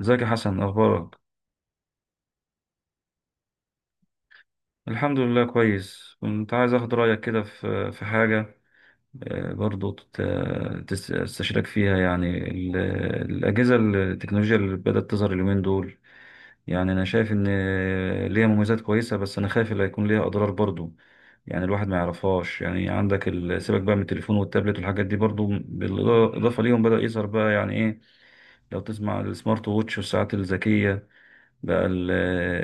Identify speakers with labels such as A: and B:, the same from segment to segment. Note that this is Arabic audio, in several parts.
A: ازيك يا حسن اخبارك. الحمد لله كويس. كنت عايز اخد رايك كده في حاجه. برضو تستشيرك فيها. يعني الاجهزه التكنولوجيا اللي بدات تظهر اليومين دول، يعني انا شايف ان ليها مميزات كويسه، بس انا خايف اللي هيكون ليها اضرار برضو، يعني الواحد ما يعرفهاش. يعني عندك سيبك بقى من التليفون والتابلت والحاجات دي، برضو بالاضافه ليهم بدا يظهر بقى يعني ايه، لو تسمع السمارت ووتش والساعات الذكيه. بقى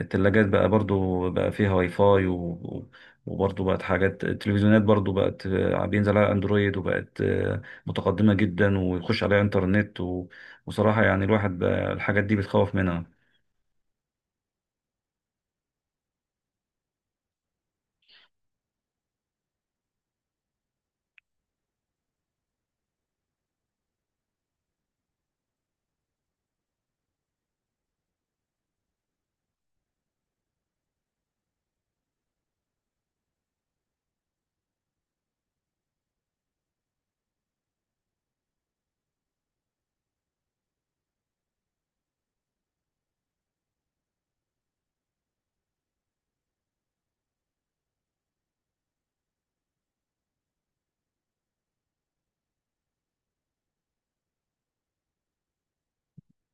A: التلاجات بقى برضو بقى فيها واي فاي و- وبرضو بقت حاجات. التلفزيونات برضو بقت، بينزل عليها اندرويد وبقت متقدمة جدا ويخش عليها انترنت. وصراحة يعني الواحد بقى الحاجات دي بتخوف منها.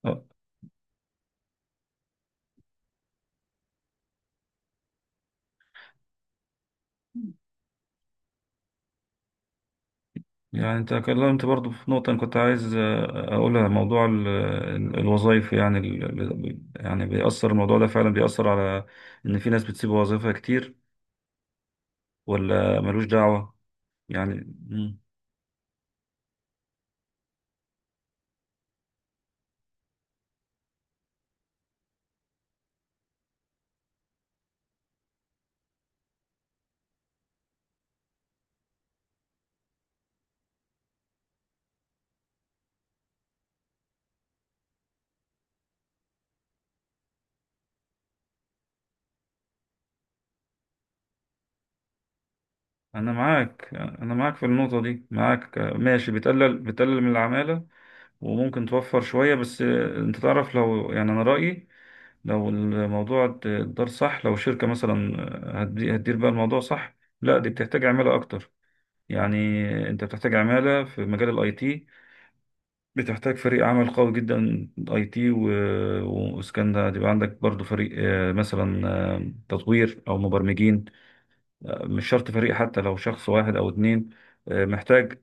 A: آه، يعني انت اتكلمت برضو في نقطة أنا كنت عايز اقولها، موضوع الوظايف. يعني يعني بيأثر الموضوع ده، فعلا بيأثر على ان في ناس بتسيب وظائفها كتير، ولا ملوش دعوة. يعني انا معاك في النقطه دي، معاك ماشي، بتقلل من العماله وممكن توفر شويه. بس انت تعرف، لو يعني انا رايي، لو الموضوع اتدار صح، لو شركه مثلا هتدير بقى الموضوع صح، لا دي بتحتاج عماله اكتر. يعني انت بتحتاج عماله في مجال الاي تي، بتحتاج فريق عمل قوي جدا اي تي واسكان ده، يبقى عندك برضو فريق مثلا تطوير او مبرمجين، مش شرط فريق، حتى لو شخص واحد او اتنين. محتاج،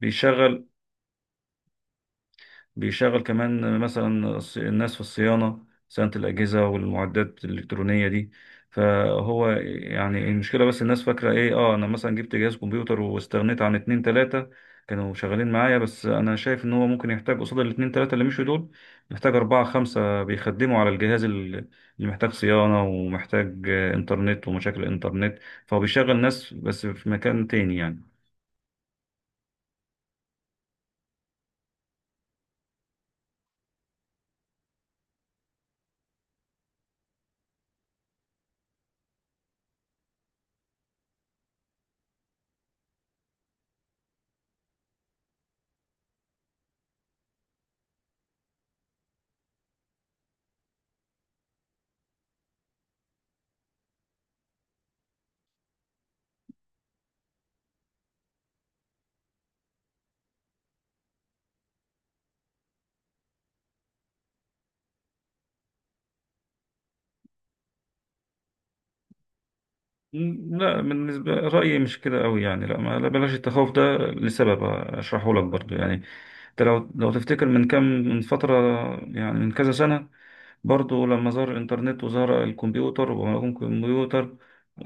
A: بيشغل بيشغل كمان مثلا الناس في الصيانة، صيانة الأجهزة والمعدات الإلكترونية دي. فهو يعني، المشكلة بس الناس فاكرة إيه، آه، أنا مثلا جبت جهاز كمبيوتر واستغنيت عن اتنين تلاتة كانوا شغالين معايا، بس أنا شايف إن هو ممكن يحتاج قصاد الاتنين تلاتة اللي مشوا دول محتاج أربعة خمسة بيخدموا على الجهاز اللي محتاج صيانة ومحتاج إنترنت ومشاكل إنترنت. فهو بيشغل ناس بس في مكان تاني يعني. لا بالنسبة رأيي مش كده قوي يعني، لا ما لا، بلاش التخوف ده لسبب أشرحه لك برضو. يعني انت، لو تفتكر من كام، من فترة، يعني من كذا سنة، برضو لما ظهر الإنترنت وظهر الكمبيوتر ومعلومة الكمبيوتر،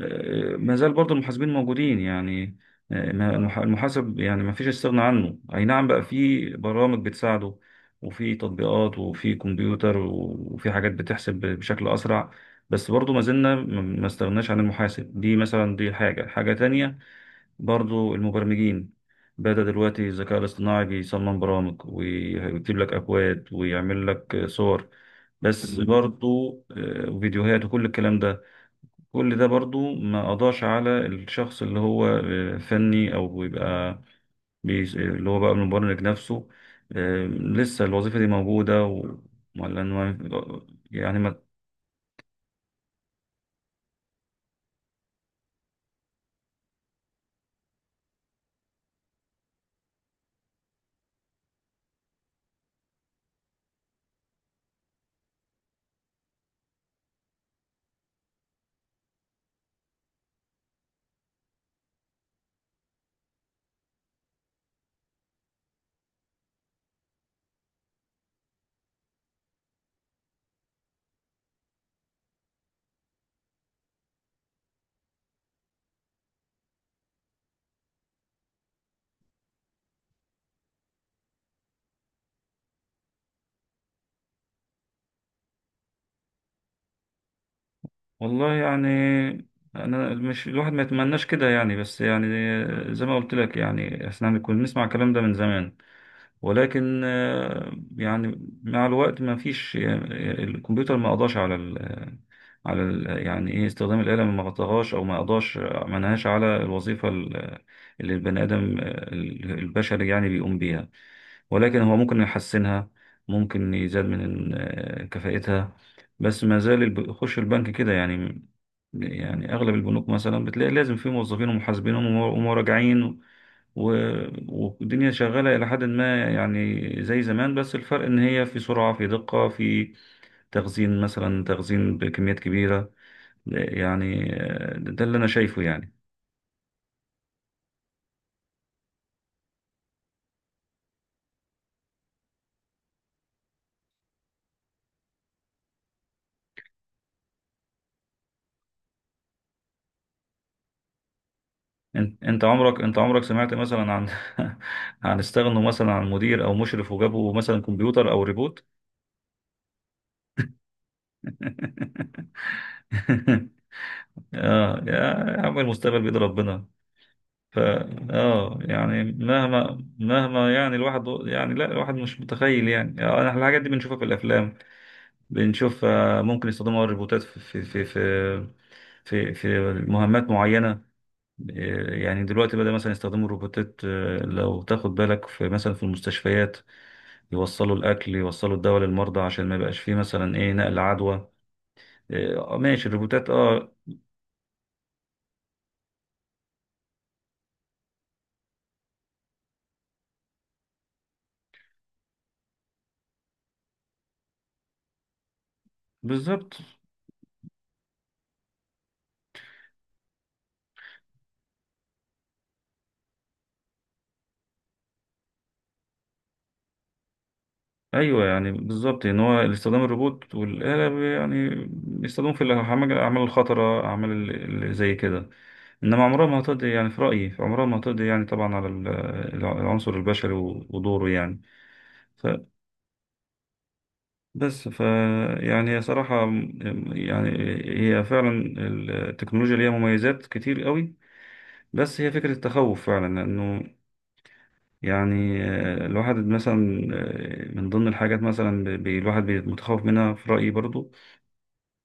A: ما زال برضو المحاسبين موجودين يعني. المحاسب يعني ما فيش استغنى عنه، أي نعم بقى في برامج بتساعده وفي تطبيقات وفي كمبيوتر وفي حاجات بتحسب بشكل أسرع، بس برضو ما زلنا ما استغناش عن المحاسب. دي مثلا دي حاجة تانية، برضو المبرمجين بدأ دلوقتي الذكاء الاصطناعي بيصمم برامج ويكتب لك أكواد ويعمل لك صور، بس برضو وفيديوهات وكل الكلام ده. كل ده برضو ما قضاش على الشخص اللي هو فني أو بيبقى اللي هو بقى المبرمج نفسه. لسه الوظيفة دي موجودة ولا إنه- يعني والله يعني، انا مش، الواحد ما يتمناش كده يعني، بس يعني زي ما قلت لك، يعني احنا كنا بنسمع الكلام ده من زمان، ولكن يعني مع الوقت ما فيش، الكمبيوتر ما قضاش على ال يعني ايه، استخدام الآلة ما غطاهاش او ما قضاش ما نهاش على الوظيفة اللي البني آدم البشري يعني بيقوم بيها، ولكن هو ممكن يحسنها، ممكن يزاد من كفاءتها. بس ما زال يخش البنك كده يعني، يعني أغلب البنوك مثلا بتلاقي لازم في موظفين ومحاسبين ومراجعين، و... والدنيا شغالة إلى حد ما يعني زي زمان، بس الفرق إن هي في سرعة في دقة في تخزين، مثلا تخزين بكميات كبيرة. يعني ده اللي أنا شايفه يعني. انت عمرك سمعت مثلا عن عن استغنوا مثلا عن مدير او مشرف وجابوا مثلا كمبيوتر او ريبوت؟ اه يا، يا عم المستقبل بيد ربنا. ف اه يعني مهما يعني الواحد يعني، لا الواحد مش متخيل يعني. احنا الحاجات دي بنشوفها في الافلام، بنشوف ممكن يستخدموا الروبوتات في مهمات معينة. يعني دلوقتي بدأ مثلا يستخدموا الروبوتات، لو تاخد بالك في مثلا في المستشفيات، يوصلوا الأكل يوصلوا الدواء للمرضى عشان ما يبقاش فيه مثلا، إيه، نقل عدوى. إيه، آه ماشي الروبوتات آه. بالظبط. أيوه يعني بالظبط إن هو استخدام الروبوت والآلة يعني بيستخدموا في الأعمال، الأعمال الخطرة، أعمال اللي زي كده. إنما عمرها ما هتقضي، يعني في رأيي عمرها ما هتقضي يعني طبعا على العنصر البشري ودوره يعني. فبس. يعني هي صراحة، يعني هي فعلا التكنولوجيا ليها مميزات كتير قوي، بس هي فكرة التخوف فعلا انه، يعني، الواحد مثلا، من ضمن الحاجات مثلا الواحد متخوف منها في رأيي، برضو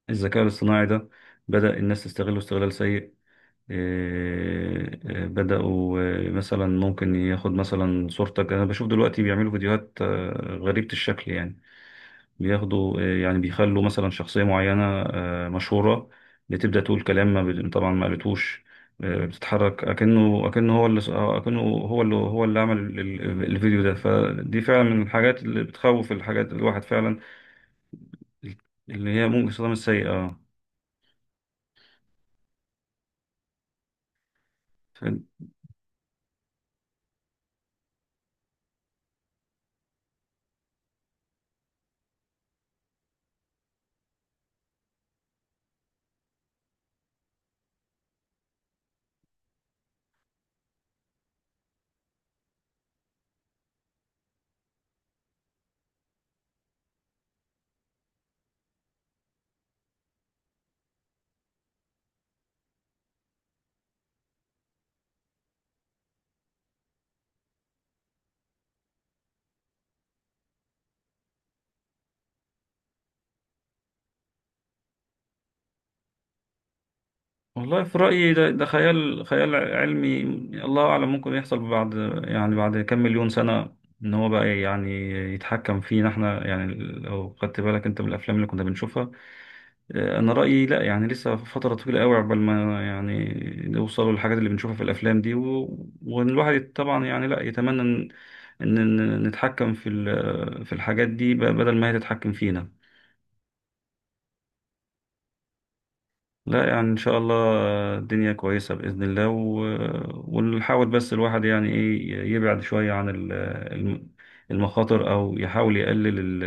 A: الذكاء الاصطناعي ده بدأ الناس تستغله استغلال سيء. بدأوا مثلا ممكن ياخد مثلا صورتك، أنا بشوف دلوقتي بيعملوا فيديوهات غريبة الشكل يعني، بياخدوا يعني بيخلوا مثلا شخصية معينة مشهورة بتبدأ تقول كلام ما بت- طبعا ما قالتوش، بتتحرك أكنه هو اللي هو اللي عمل الفيديو ده. فدي فعلا من الحاجات اللي بتخوف الحاجات الواحد فعلا، اللي هي ممكن صدام السيئة. والله في رأيي ده خيال، خيال علمي. الله أعلم ممكن يحصل بعد، يعني بعد كام مليون سنة، إن هو بقى يعني يتحكم فينا إحنا، يعني لو خدت بالك أنت من الأفلام اللي كنا بنشوفها. أنا رأيي لأ، يعني لسه فترة طويلة أوي عقبال ما يعني نوصلوا للحاجات اللي بنشوفها في الأفلام دي. والواحد طبعا يعني لأ، يتمنى إن، إن نتحكم في في الحاجات دي بدل ما هي تتحكم فينا. لا يعني ان شاء الله الدنيا كويسة بإذن الله، ونحاول بس الواحد يعني ايه يبعد شوية عن الم- المخاطر، او يحاول يقلل ال-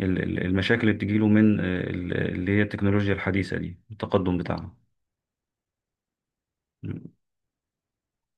A: ال- المشاكل اللي بتجيله من اللي هي التكنولوجيا الحديثة دي التقدم بتاعها.